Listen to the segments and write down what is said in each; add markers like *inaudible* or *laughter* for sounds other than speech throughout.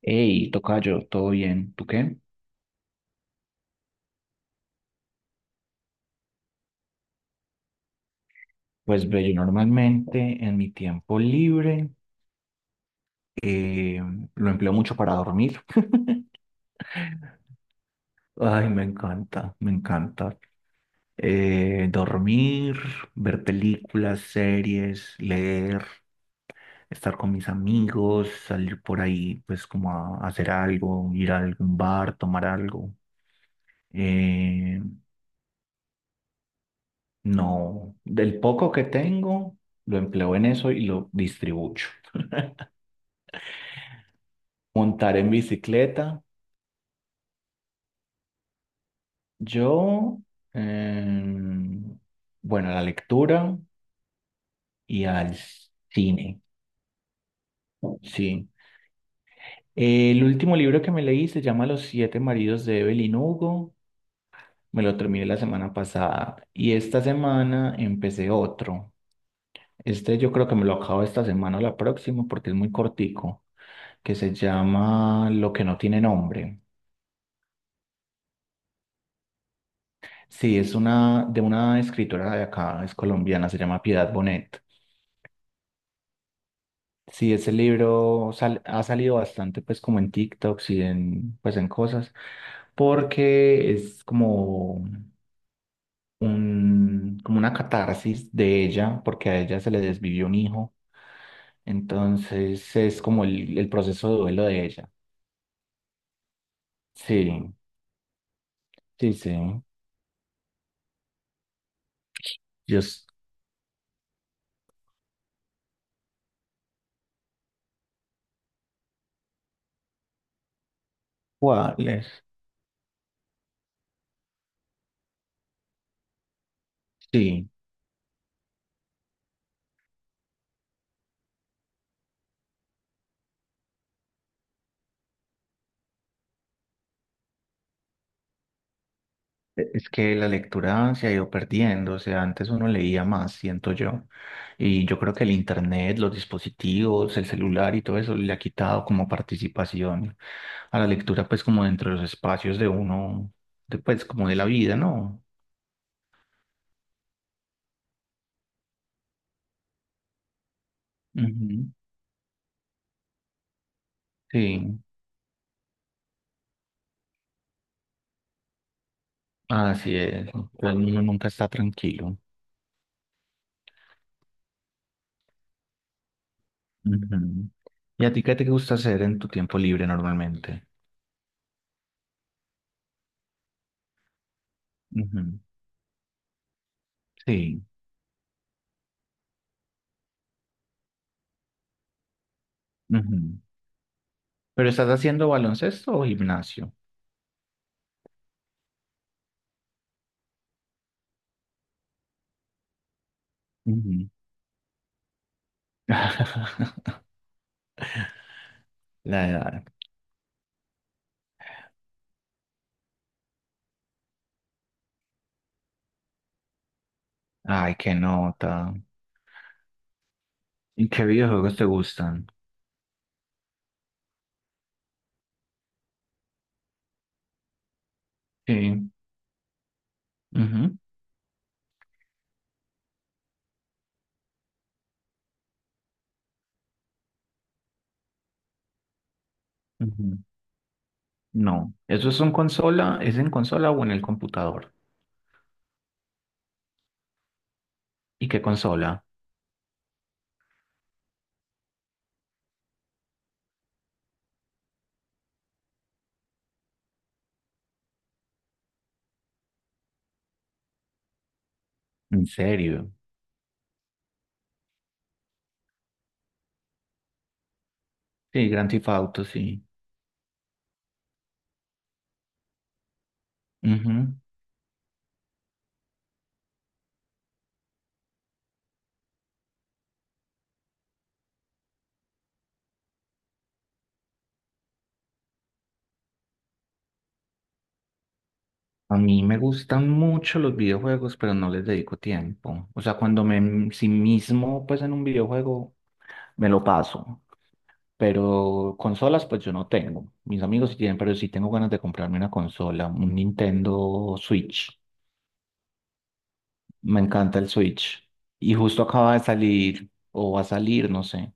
Hey, tocayo, ¿todo bien? ¿Tú qué? Pues ve, yo normalmente en mi tiempo libre eh, lo empleo mucho para dormir. *laughs* Ay, me encanta, me encanta. Dormir, ver películas, series, leer, estar con mis amigos, salir por ahí, pues como a hacer algo, ir a algún bar, tomar algo. Eh, No, del poco que tengo, lo empleo en eso y lo distribuyo. Montar en bicicleta, yo, em, bueno, a la lectura y al cine, sí. El último libro que me leí se llama Los siete maridos de Evelyn Hugo. Me lo terminé la semana pasada y esta semana empecé otro. Este yo creo que me lo acabo esta semana o la próxima porque es muy cortico, que se llama Lo que no tiene nombre. Sí, es una de una escritora de acá, es colombiana, se llama Piedad Bonet. Sí, ese libro ha salido bastante pues como en TikToks y en pues en cosas, porque es como un como una catarsis de ella, porque a ella se le desvivió un hijo, entonces es como el proceso de duelo de ella. Sí, sí, sí. Yo, s- ¿Cuál es? Sí. Es que la lectura se ha ido perdiendo, o sea, antes uno leía más, siento yo, y yo creo que el internet, los dispositivos, el celular y todo eso le ha quitado como participación a la lectura, pues como dentro de los espacios de uno, pues como de la vida, ¿no? Ujú, sí, así es, pues uno nunca está tranquilo. Ujú. ¿Y a ti qué te gusta hacer en tu tiempo libre normalmente? Ujú, sí, ujú. ¿Pero estás haciendo baloncesto o gimnasio? Ujú. *laughs* La edad. Ay, qué nota. ¿Y qué videojuegos te gustan? Sí. Ujú, ujú. No. ¿Eso es en consola? ¿Es en consola o en el computador? ¿Y qué consola? ¿En serio? Sí, Grand Theft Auto, sí. Ujú. A mí me gustan mucho los videojuegos, pero no les dedico tiempo. O sea, cuando me sí mismo, pues en un videojuego, me lo paso. Pero consolas, pues yo no tengo. Mis amigos sí tienen, pero sí tengo ganas de comprarme una consola, un Nintendo Switch. Me encanta el Switch. Y justo acaba de salir, o va a salir, no sé.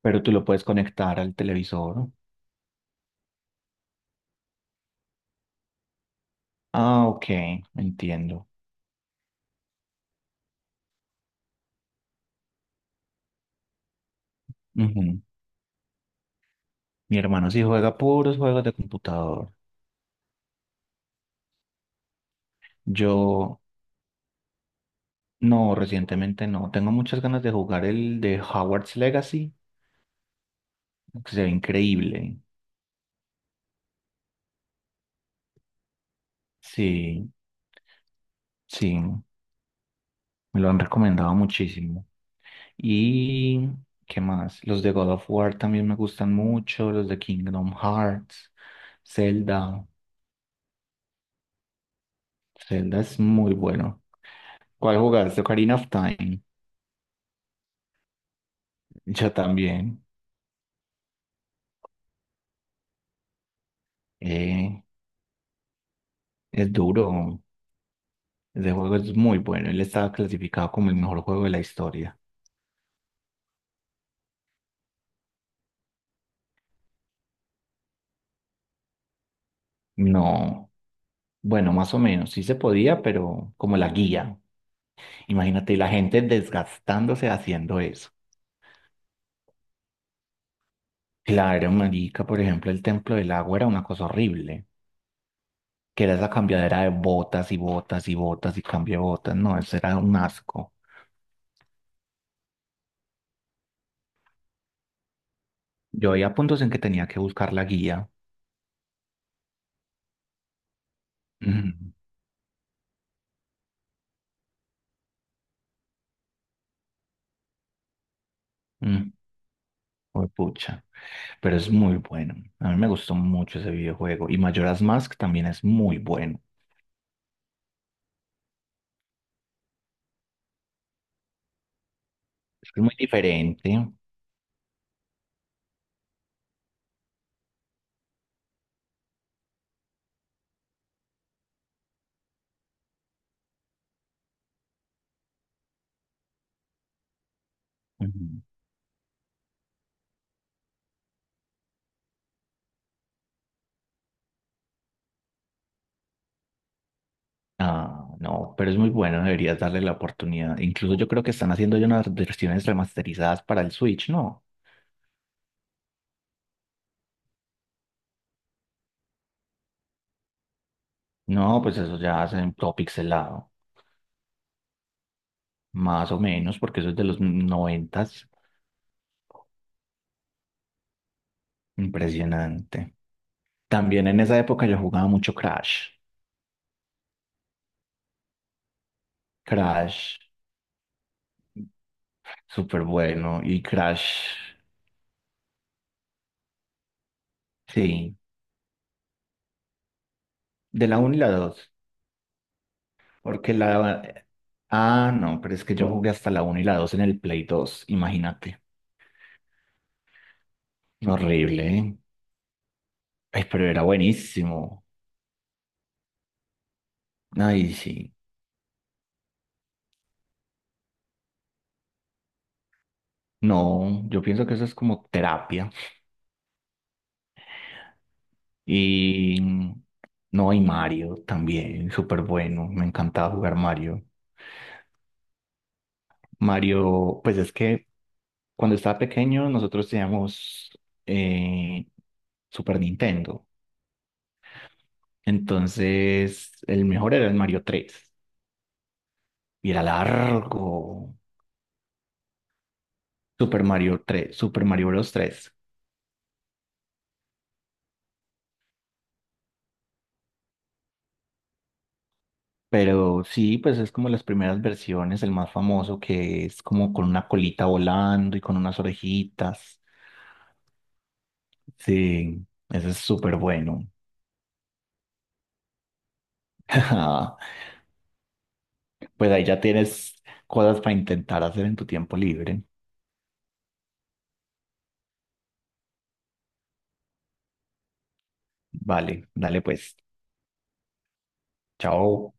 Pero tú lo puedes conectar al televisor. Ah, ok, entiendo. Ujú. Mi hermano sí juega puros juegos de computador. Yo no, recientemente no. Tengo muchas ganas de jugar el de Howard's Legacy, que se ve increíble. Sí, sí. Me lo han recomendado muchísimo. ¿Y qué más? Los de God of War también me gustan mucho, los de Kingdom Hearts, Zelda. Zelda es muy bueno. ¿Cuál jugaste? Ocarina of Time. Yo también. Eh, es duro. Ese juego es muy bueno. Él estaba clasificado como el mejor juego de la historia. No, bueno, más o menos. Sí se podía, pero como la guía. Imagínate la gente desgastándose haciendo eso. Claro, marica, por ejemplo, el Templo del Agua era una cosa horrible, que era esa cambiadera de botas y botas y botas y cambio de botas, no, eso era un asco. Yo había puntos en que tenía que buscar la guía. Mm, mm, juepucha. Pero es muy bueno. A mí me gustó mucho ese videojuego. Y Majora's Mask también es muy bueno. Es que es muy diferente. Ujú. Ah, no, pero es muy bueno. Deberías darle la oportunidad. Incluso yo creo que están haciendo ya unas versiones remasterizadas para el Switch, ¿no? No, pues eso ya es en todo pixelado, más o menos, porque eso es de los noventas. Impresionante. También en esa época yo jugaba mucho Crash. Crash, súper bueno. Y Crash, sí, de la uno y la dos. Porque la... Ah, no, pero es que yo jugué hasta la uno y la 2 en el Play 2, imagínate. Horrible, ¿eh? Ay, pero era buenísimo. Ay, sí. No, yo pienso que eso es como terapia. Y no, y Mario también, súper bueno. Me encantaba jugar Mario. Mario, pues es que cuando estaba pequeño nosotros teníamos eh, Super Nintendo. Entonces el mejor era el Mario 3 y era largo. Super Mario 3. Super Mario Bros. 3. Pero sí, pues es como las primeras versiones, el más famoso que es como con una colita volando y con unas orejitas. Sí, eso es súper bueno. *laughs* Pues ahí ya tienes cosas para intentar hacer en tu tiempo libre. Vale, dale pues. Chao.